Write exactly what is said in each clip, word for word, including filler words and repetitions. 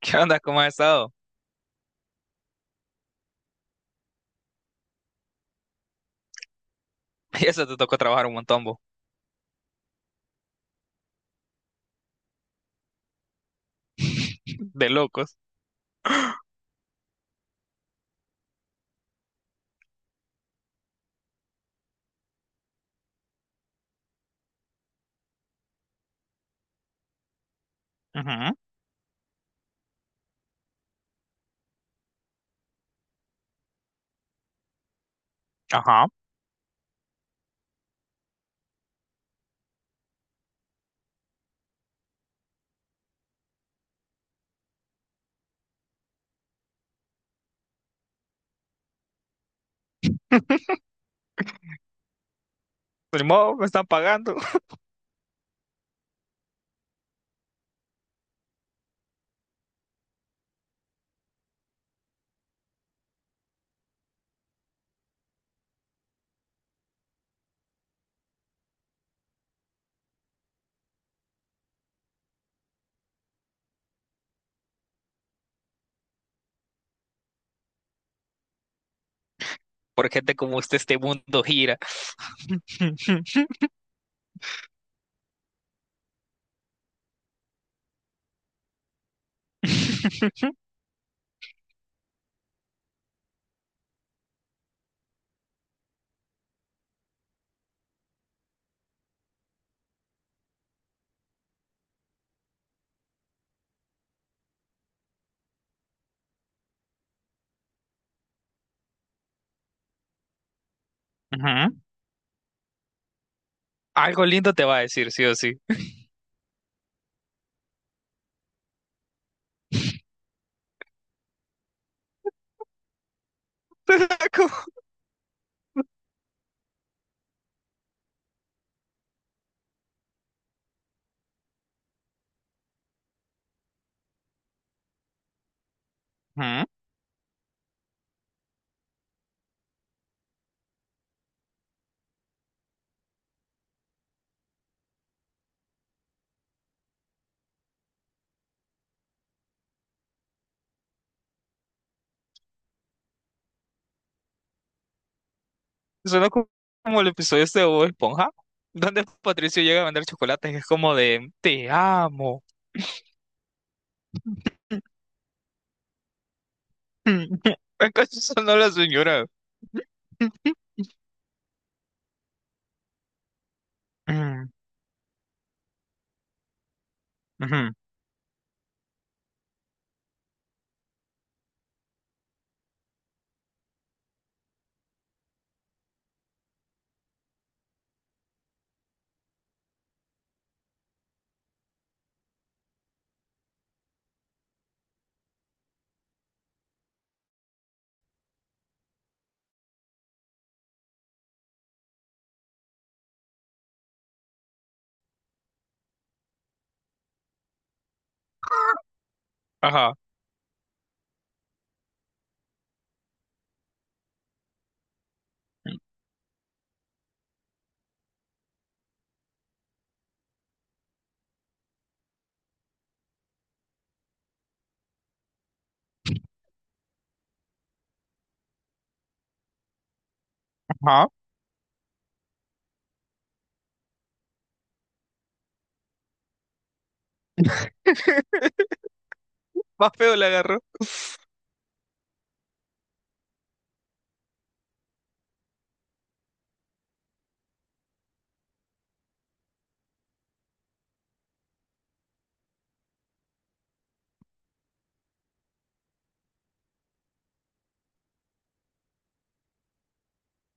¿Qué onda? ¿Cómo has estado? Y eso te tocó trabajar un montón, vos. De locos. Ujú, ajá. Pues ni modo, me están pagando. Por gente como usted, este mundo gira. Ujú. Algo lindo te va a decir, sí o sí. Ujú. Suena co- como el episodio este de Bob Esponja, donde Patricio llega a vender chocolates y es como de, te amo. ¿Acaso sonó la señora? Ujú, ujú, ajá, ajá. Más feo le agarró.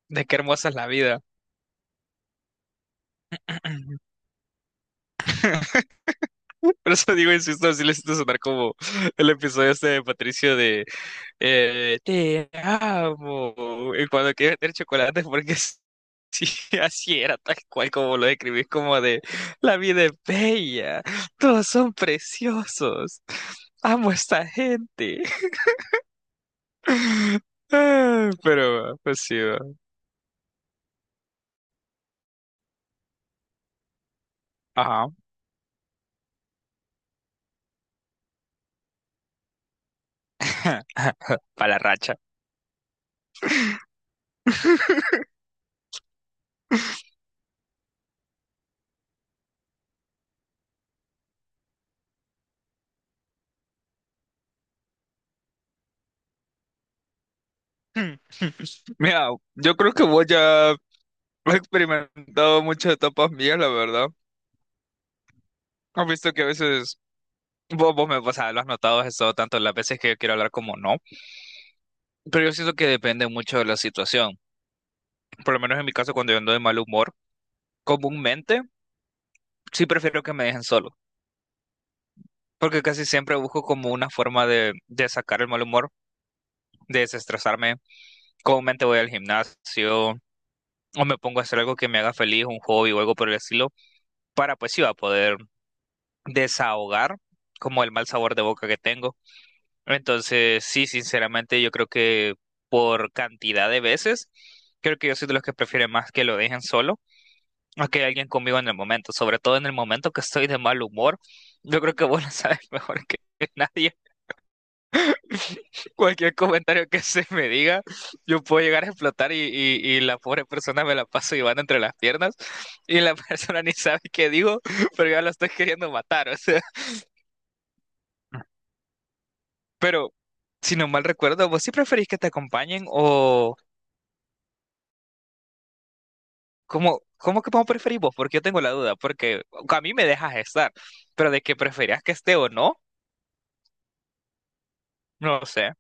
De qué hermosa es la vida. Por eso digo, insisto, así le siento sonar como el episodio este de Patricio de eh, te amo. Y cuando quiere meter chocolate, porque sí, así era, tal cual como lo describís, como de la vida es bella, todos son preciosos, amo a esta gente. Ah, pero, va, pues sí, va. Ajá. Para la racha. Mira, yo creo que vos ya has experimentado muchas etapas mías, la verdad. Has visto que a veces vos, vos me, o sea, lo has notado eso tanto las veces que yo quiero hablar como no. Pero yo siento que depende mucho de la situación. Por lo menos en mi caso, cuando yo ando de mal humor, comúnmente sí prefiero que me dejen solo. Porque casi siempre busco como una forma de, de, sacar el mal humor, de desestresarme. Comúnmente voy al gimnasio o me pongo a hacer algo que me haga feliz, un hobby o algo por el estilo, para pues sí va a poder desahogar como el mal sabor de boca que tengo. Entonces, sí, sinceramente, yo creo que por cantidad de veces, creo que yo soy de los que prefieren más que lo dejen solo a que alguien conmigo en el momento, sobre todo en el momento que estoy de mal humor. Yo creo que vos lo sabes mejor que que nadie. Cualquier comentario que se me diga, yo puedo llegar a explotar y, y, y la pobre persona me la paso llevando entre las piernas y la persona ni sabe qué digo, pero ya la estoy queriendo matar. O sea, pero, si no mal recuerdo, ¿vos sí preferís que te acompañen o cómo, cómo que cómo preferís vos? Porque yo tengo la duda, porque a mí me dejas estar, pero de que preferías que esté o no, no sé.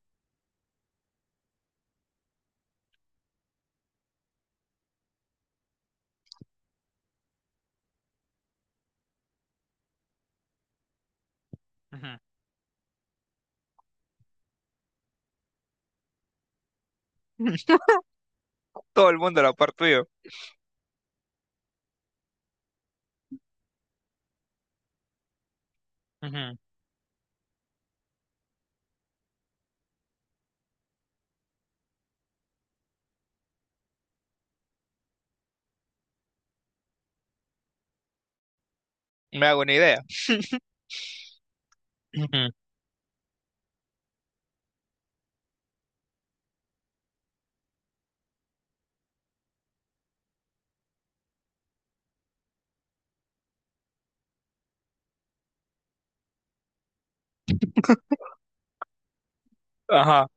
Ujú. Todo el mundo, la parte tuyo. Ujú. Me hago una idea. Ujú. Ajá.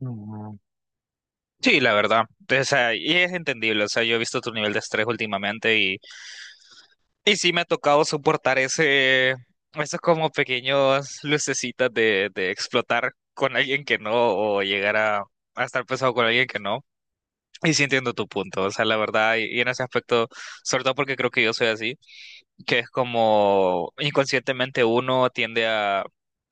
Mm. Sí, la verdad. O sea, y es entendible. O sea, yo he visto tu nivel de estrés últimamente. Y sí me ha tocado soportar ese, esos como pequeños lucecitas de, de, explotar con alguien que no, o llegar a, a estar pesado con alguien que no. Y sí entiendo tu punto, o sea, la verdad, y, y en ese aspecto, sobre todo porque creo que yo soy así, que es como inconscientemente uno tiende a,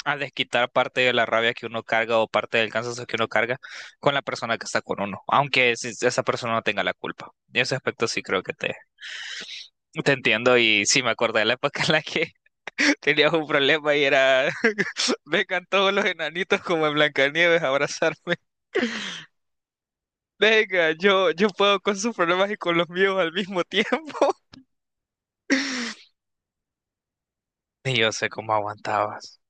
a desquitar parte de la rabia que uno carga o parte del cansancio que uno carga con la persona que está con uno, aunque si- esa persona no tenga la culpa. En ese aspecto sí creo que te, te, entiendo y sí me acordé de la época en la que tenías un problema y era, vengan todos los enanitos como en Blancanieves a abrazarme. Venga, yo, yo puedo con sus problemas y con los míos al mismo tiempo. Y yo sé cómo aguantabas.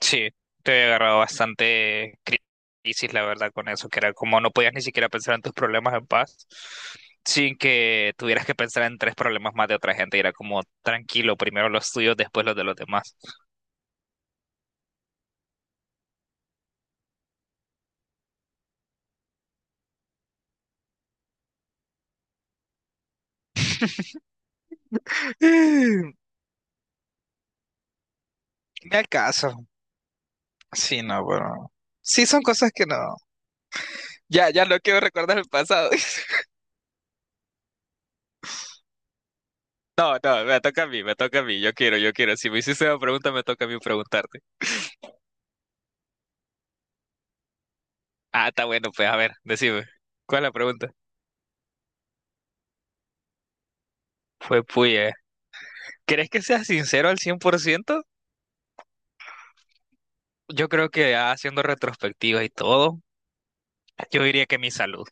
Sí, te había agarrado bastante cri- crisis, la verdad, con eso, que era como no podías ni siquiera pensar en tus problemas en paz, sin que tuvieras que pensar en tres problemas más de otra gente. Y era como tranquilo, primero los tuyos, después los de los demás. Me acaso. Sí, no, bueno. Sí, son cosas que no. Ya, ya no quiero recordar el pasado. No, no, me toca a mí, me toca a mí. Yo quiero, yo quiero. Si me hiciste una pregunta, me toca a mí preguntarte. Ah, está bueno, pues a ver, decime. ¿Cuál es la pregunta? Fue puya, ¿eh? ¿Crees que seas sincero al cien por ciento? Yo creo que ya haciendo retrospectiva y todo, yo diría que mi salud.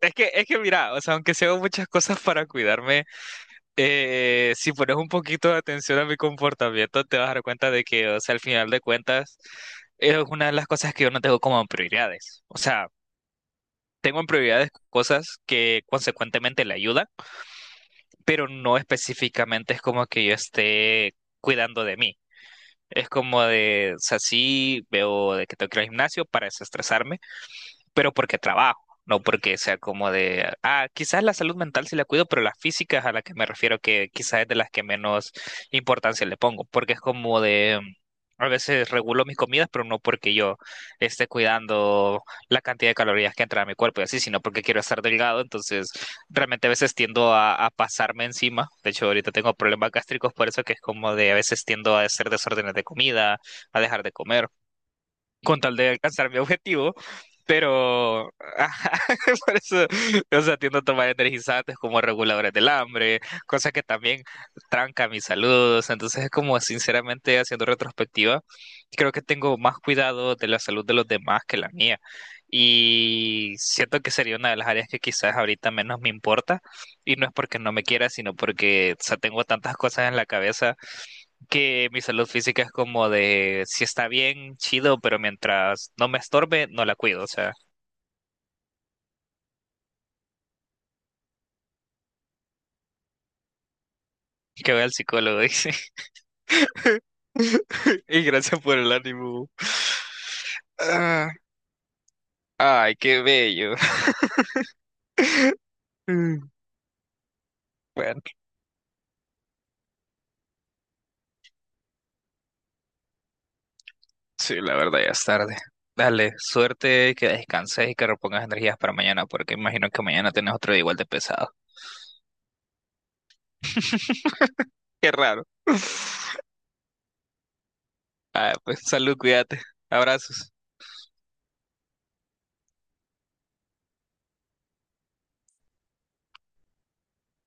Es que, es que mira, o sea, aunque sea muchas cosas para cuidarme, eh, si pones un poquito de atención a mi comportamiento, te vas a dar cuenta de que, o sea, al final de cuentas, es una de las cosas que yo no tengo como prioridades. O sea, tengo en prioridades cosas que consecuentemente le ayudan, pero no específicamente es como que yo esté cuidando de mí. Es como de, o sea, sí veo de que tengo que ir al gimnasio para desestresarme, pero porque trabajo, no porque sea como de, ah, quizás la salud mental sí la cuido, pero las físicas a las que me refiero que quizás es de las que menos importancia le pongo, porque es como de, a veces regulo mis comidas, pero no porque yo esté cuidando la cantidad de calorías que entra a mi cuerpo y así, sino porque quiero estar delgado, entonces realmente a veces tiendo a, a, pasarme encima, de hecho ahorita tengo problemas gástricos por eso que es como de a veces tiendo a hacer desórdenes de comida, a dejar de comer con tal de alcanzar mi objetivo, pero por eso, o sea, tiendo a tomar energizantes como reguladores del hambre, cosa que también tranca mis saludos, entonces es como sinceramente haciendo retrospectiva, creo que tengo más cuidado de la salud de los demás que la mía. Y siento que sería una de las áreas que quizás ahorita menos me importa. Y no es porque no me quiera, sino porque, o sea, tengo tantas cosas en la cabeza que mi salud física es como de si está bien, chido, pero mientras no me estorbe, no la cuido. O sea, que vaya al psicólogo, dice. Y gracias por el ánimo. Ah, ay, qué bello. Mm, bueno, sí, la verdad ya es tarde. Dale, suerte, que descanses y que repongas energías para mañana, porque imagino que mañana tenés otro día igual de pesado. Qué raro. Ah, pues salud, cuídate. Abrazos.